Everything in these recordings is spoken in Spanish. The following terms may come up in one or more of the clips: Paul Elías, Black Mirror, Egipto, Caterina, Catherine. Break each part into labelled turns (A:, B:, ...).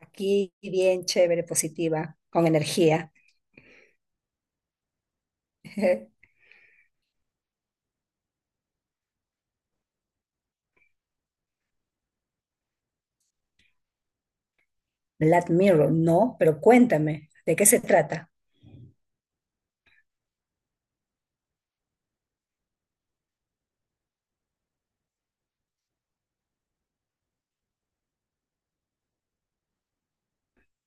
A: Aquí bien chévere, positiva, con energía. Black Mirror, no, pero cuéntame, ¿de qué se trata?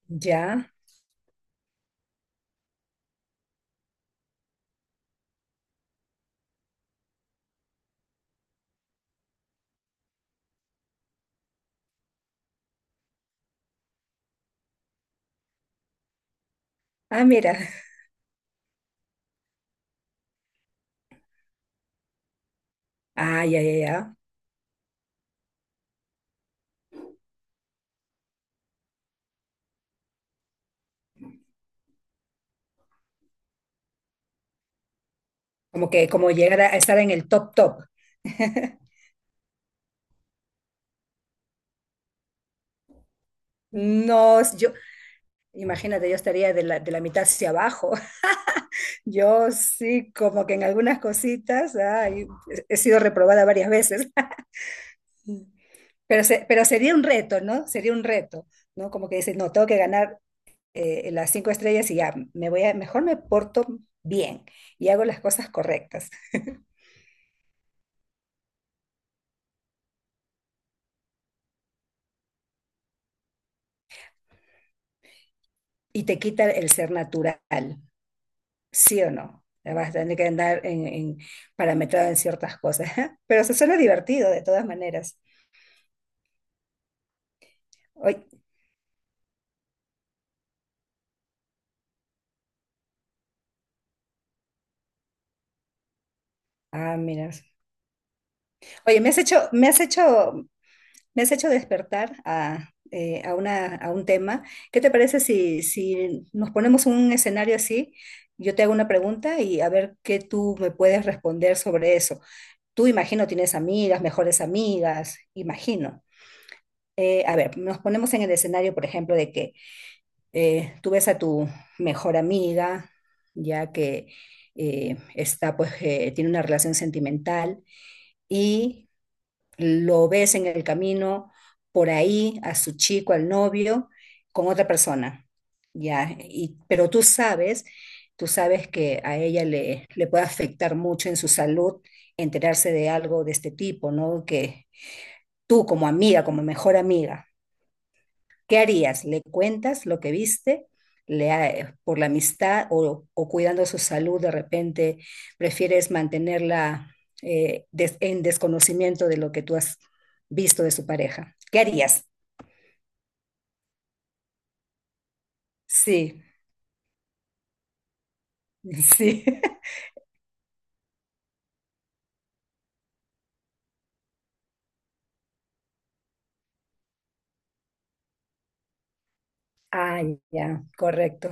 A: Ya. Ah, mira. Ah, ya, ya, ya. Como que como llegar a estar en el top top. No, yo, imagínate, yo estaría de la mitad hacia abajo. Yo sí, como que en algunas cositas, ay, he sido reprobada varias veces. Pero, pero sería un reto, ¿no? Sería un reto, ¿no? Como que dices, no, tengo que ganar, las cinco estrellas y ya, me voy a, mejor me porto bien y hago las cosas correctas. Y te quita el ser natural, ¿sí o no? Vas a tener que andar parametrado en ciertas cosas, pero se suena divertido de todas maneras. Oye, ah, mira. Oye, me has hecho, me has hecho, me has hecho despertar a una, a un tema. ¿Qué te parece si nos ponemos un escenario así? Yo te hago una pregunta y a ver qué tú me puedes responder sobre eso. Tú imagino tienes amigas, mejores amigas, imagino. A ver, nos ponemos en el escenario, por ejemplo, de que tú ves a tu mejor amiga, ya que está, pues, tiene una relación sentimental y lo ves en el camino por ahí a su chico, al novio, con otra persona, ya. Y, pero tú sabes que a ella le, le puede afectar mucho en su salud enterarse de algo de este tipo, ¿no? Que tú como amiga, como mejor amiga, ¿qué harías? ¿Le cuentas lo que viste? Le, por la amistad o cuidando su salud, de repente prefieres mantenerla en desconocimiento de lo que tú has visto de su pareja. ¿Qué harías? Sí, sí. Ah, ya, correcto.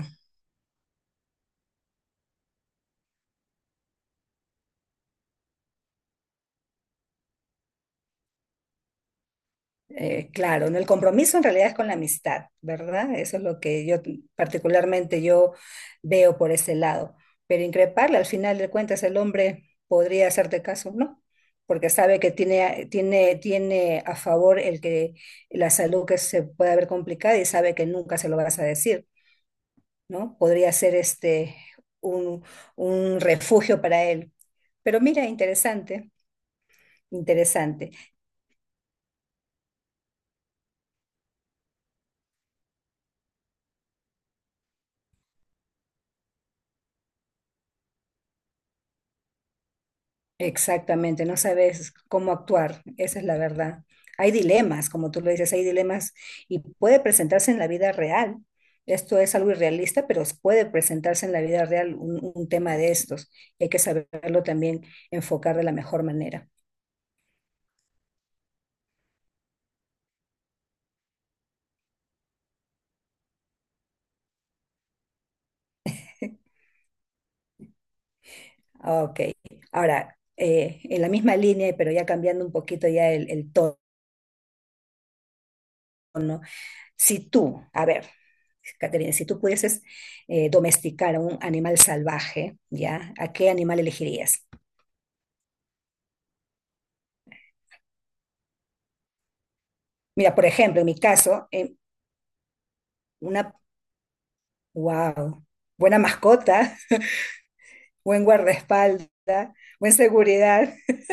A: Claro, ¿no? El compromiso en realidad es con la amistad, ¿verdad? Eso es lo que yo particularmente yo veo por ese lado. Pero increparle, al final de cuentas, el hombre podría hacerte caso, ¿no? Porque sabe que tiene a favor el que la salud que se puede ver complicada y sabe que nunca se lo vas a decir, ¿no? Podría ser este un, un refugio para él. Pero mira, interesante, interesante. Exactamente, no sabes cómo actuar, esa es la verdad. Hay dilemas, como tú lo dices, hay dilemas y puede presentarse en la vida real. Esto es algo irrealista, pero puede presentarse en la vida real un tema de estos. Y hay que saberlo también enfocar de la mejor manera. Ah, ok, ahora, en la misma línea, pero ya cambiando un poquito ya el tono, ¿no? Si tú, a ver, Caterina, si tú pudieses domesticar a un animal salvaje, ¿ya? ¿A qué animal elegirías? Mira, por ejemplo, en mi caso, en una, wow, buena mascota, buen guardaespaldas, buena seguridad.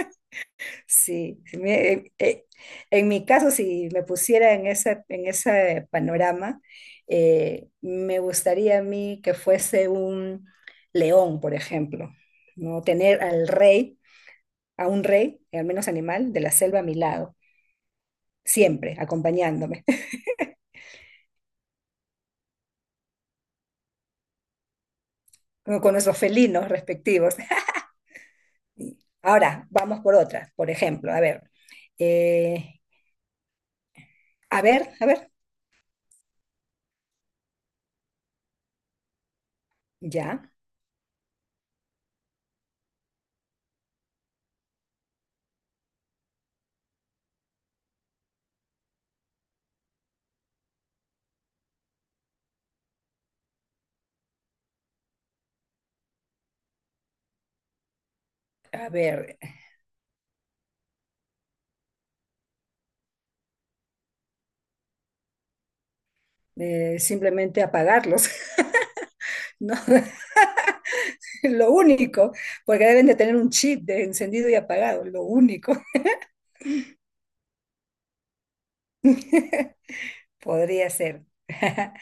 A: Sí, sí, en mi caso, si me pusiera en ese panorama, me gustaría a mí que fuese un león, por ejemplo, ¿no? Tener al rey, a un rey, al menos animal, de la selva a mi lado, siempre acompañándome, con nuestros felinos respectivos. Sí. Ahora, vamos por otras. Por ejemplo, a ver, eh, a ver, a ver, ya. A ver, simplemente apagarlos, ¿no? Lo único, porque deben de tener un chip de encendido y apagado, lo único. Podría ser.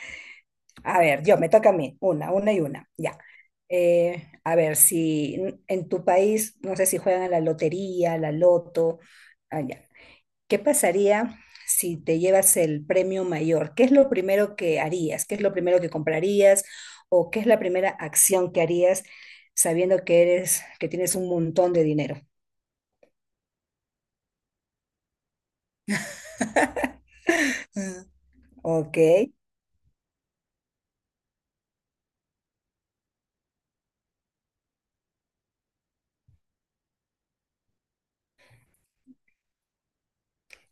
A: A ver, yo, me toca a mí, una y una, ya. A ver, si en tu país, no sé si juegan a la lotería, a la loto, allá, ¿qué pasaría si te llevas el premio mayor? ¿Qué es lo primero que harías? ¿Qué es lo primero que comprarías? ¿O qué es la primera acción que harías sabiendo que eres, que tienes un montón de dinero? Mm. Ok,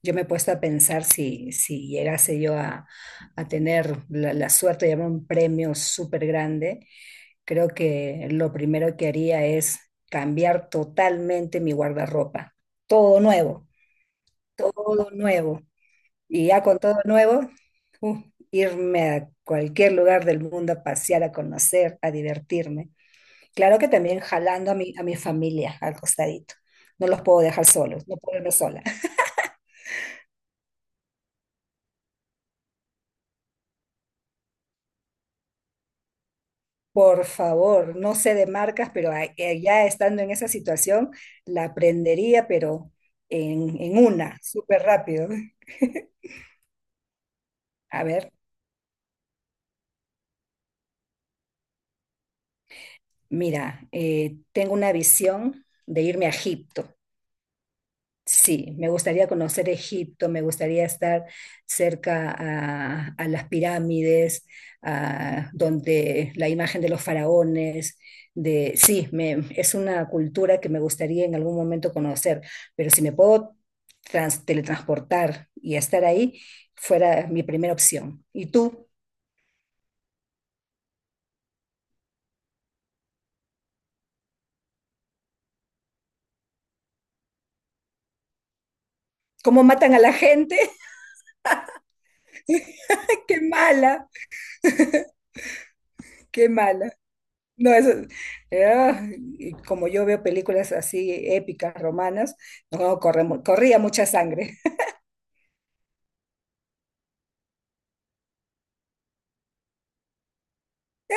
A: yo me he puesto a pensar si llegase yo a tener la, la suerte de llevar un premio súper grande, creo que lo primero que haría es cambiar totalmente mi guardarropa, todo nuevo, todo nuevo. Y ya con todo nuevo, uh, irme a cualquier lugar del mundo a pasear, a conocer, a divertirme. Claro que también jalando a mi familia al costadito. No los puedo dejar solos, no puedo irme sola. Por favor, no sé de marcas, pero ya estando en esa situación, la aprendería, pero en una, súper rápido. A ver, mira, tengo una visión de irme a Egipto. Sí, me gustaría conocer Egipto, me gustaría estar cerca a las pirámides, a, donde la imagen de los faraones, de sí, es una cultura que me gustaría en algún momento conocer, pero si me puedo teletransportar y estar ahí, fuera mi primera opción. ¿Y tú? ¿Cómo matan a la gente? ¡Qué mala! ¡Qué mala! No, eso, ah, y como yo veo películas así épicas, romanas, no, corría mucha sangre.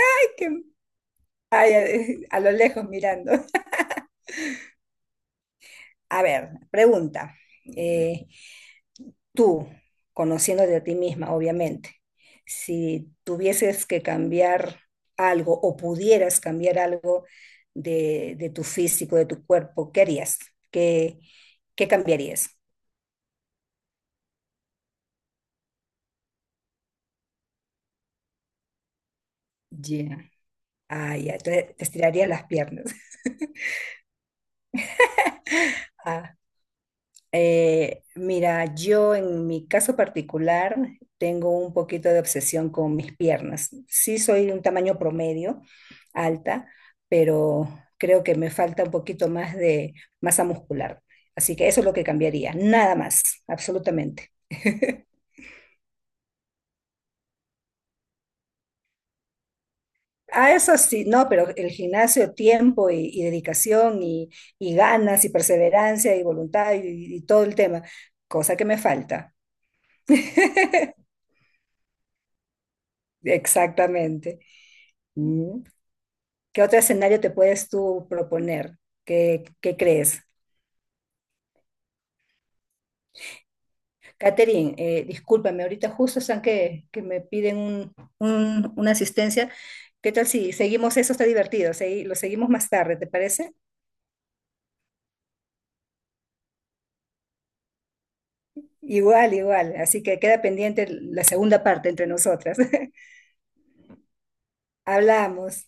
A: Que- ay, a, lo lejos mirando. A ver, pregunta. eh, tú, conociéndote a ti misma, obviamente, si tuvieses que cambiar algo o pudieras cambiar algo de tu físico, de tu cuerpo, ¿qué harías? ¿Qué, qué cambiarías? Ya. Ah, ya, te estirarías las piernas. Mira, yo en mi caso particular tengo un poquito de obsesión con mis piernas. Sí soy de un tamaño promedio, alta, pero creo que me falta un poquito más de masa muscular. Así que eso es lo que cambiaría, nada más, absolutamente. Ah, eso sí, no, pero el gimnasio, tiempo y dedicación y ganas y perseverancia y voluntad y todo el tema, cosa que me falta. Exactamente. Mm. ¿Qué otro escenario te puedes tú proponer? ¿Qué, qué crees? Catherine, discúlpame, ahorita justo están que me piden una asistencia. ¿Qué tal si seguimos eso? Está divertido, lo seguimos más tarde, ¿te parece? Igual, igual. Así que queda pendiente la segunda parte entre nosotras. Hablamos.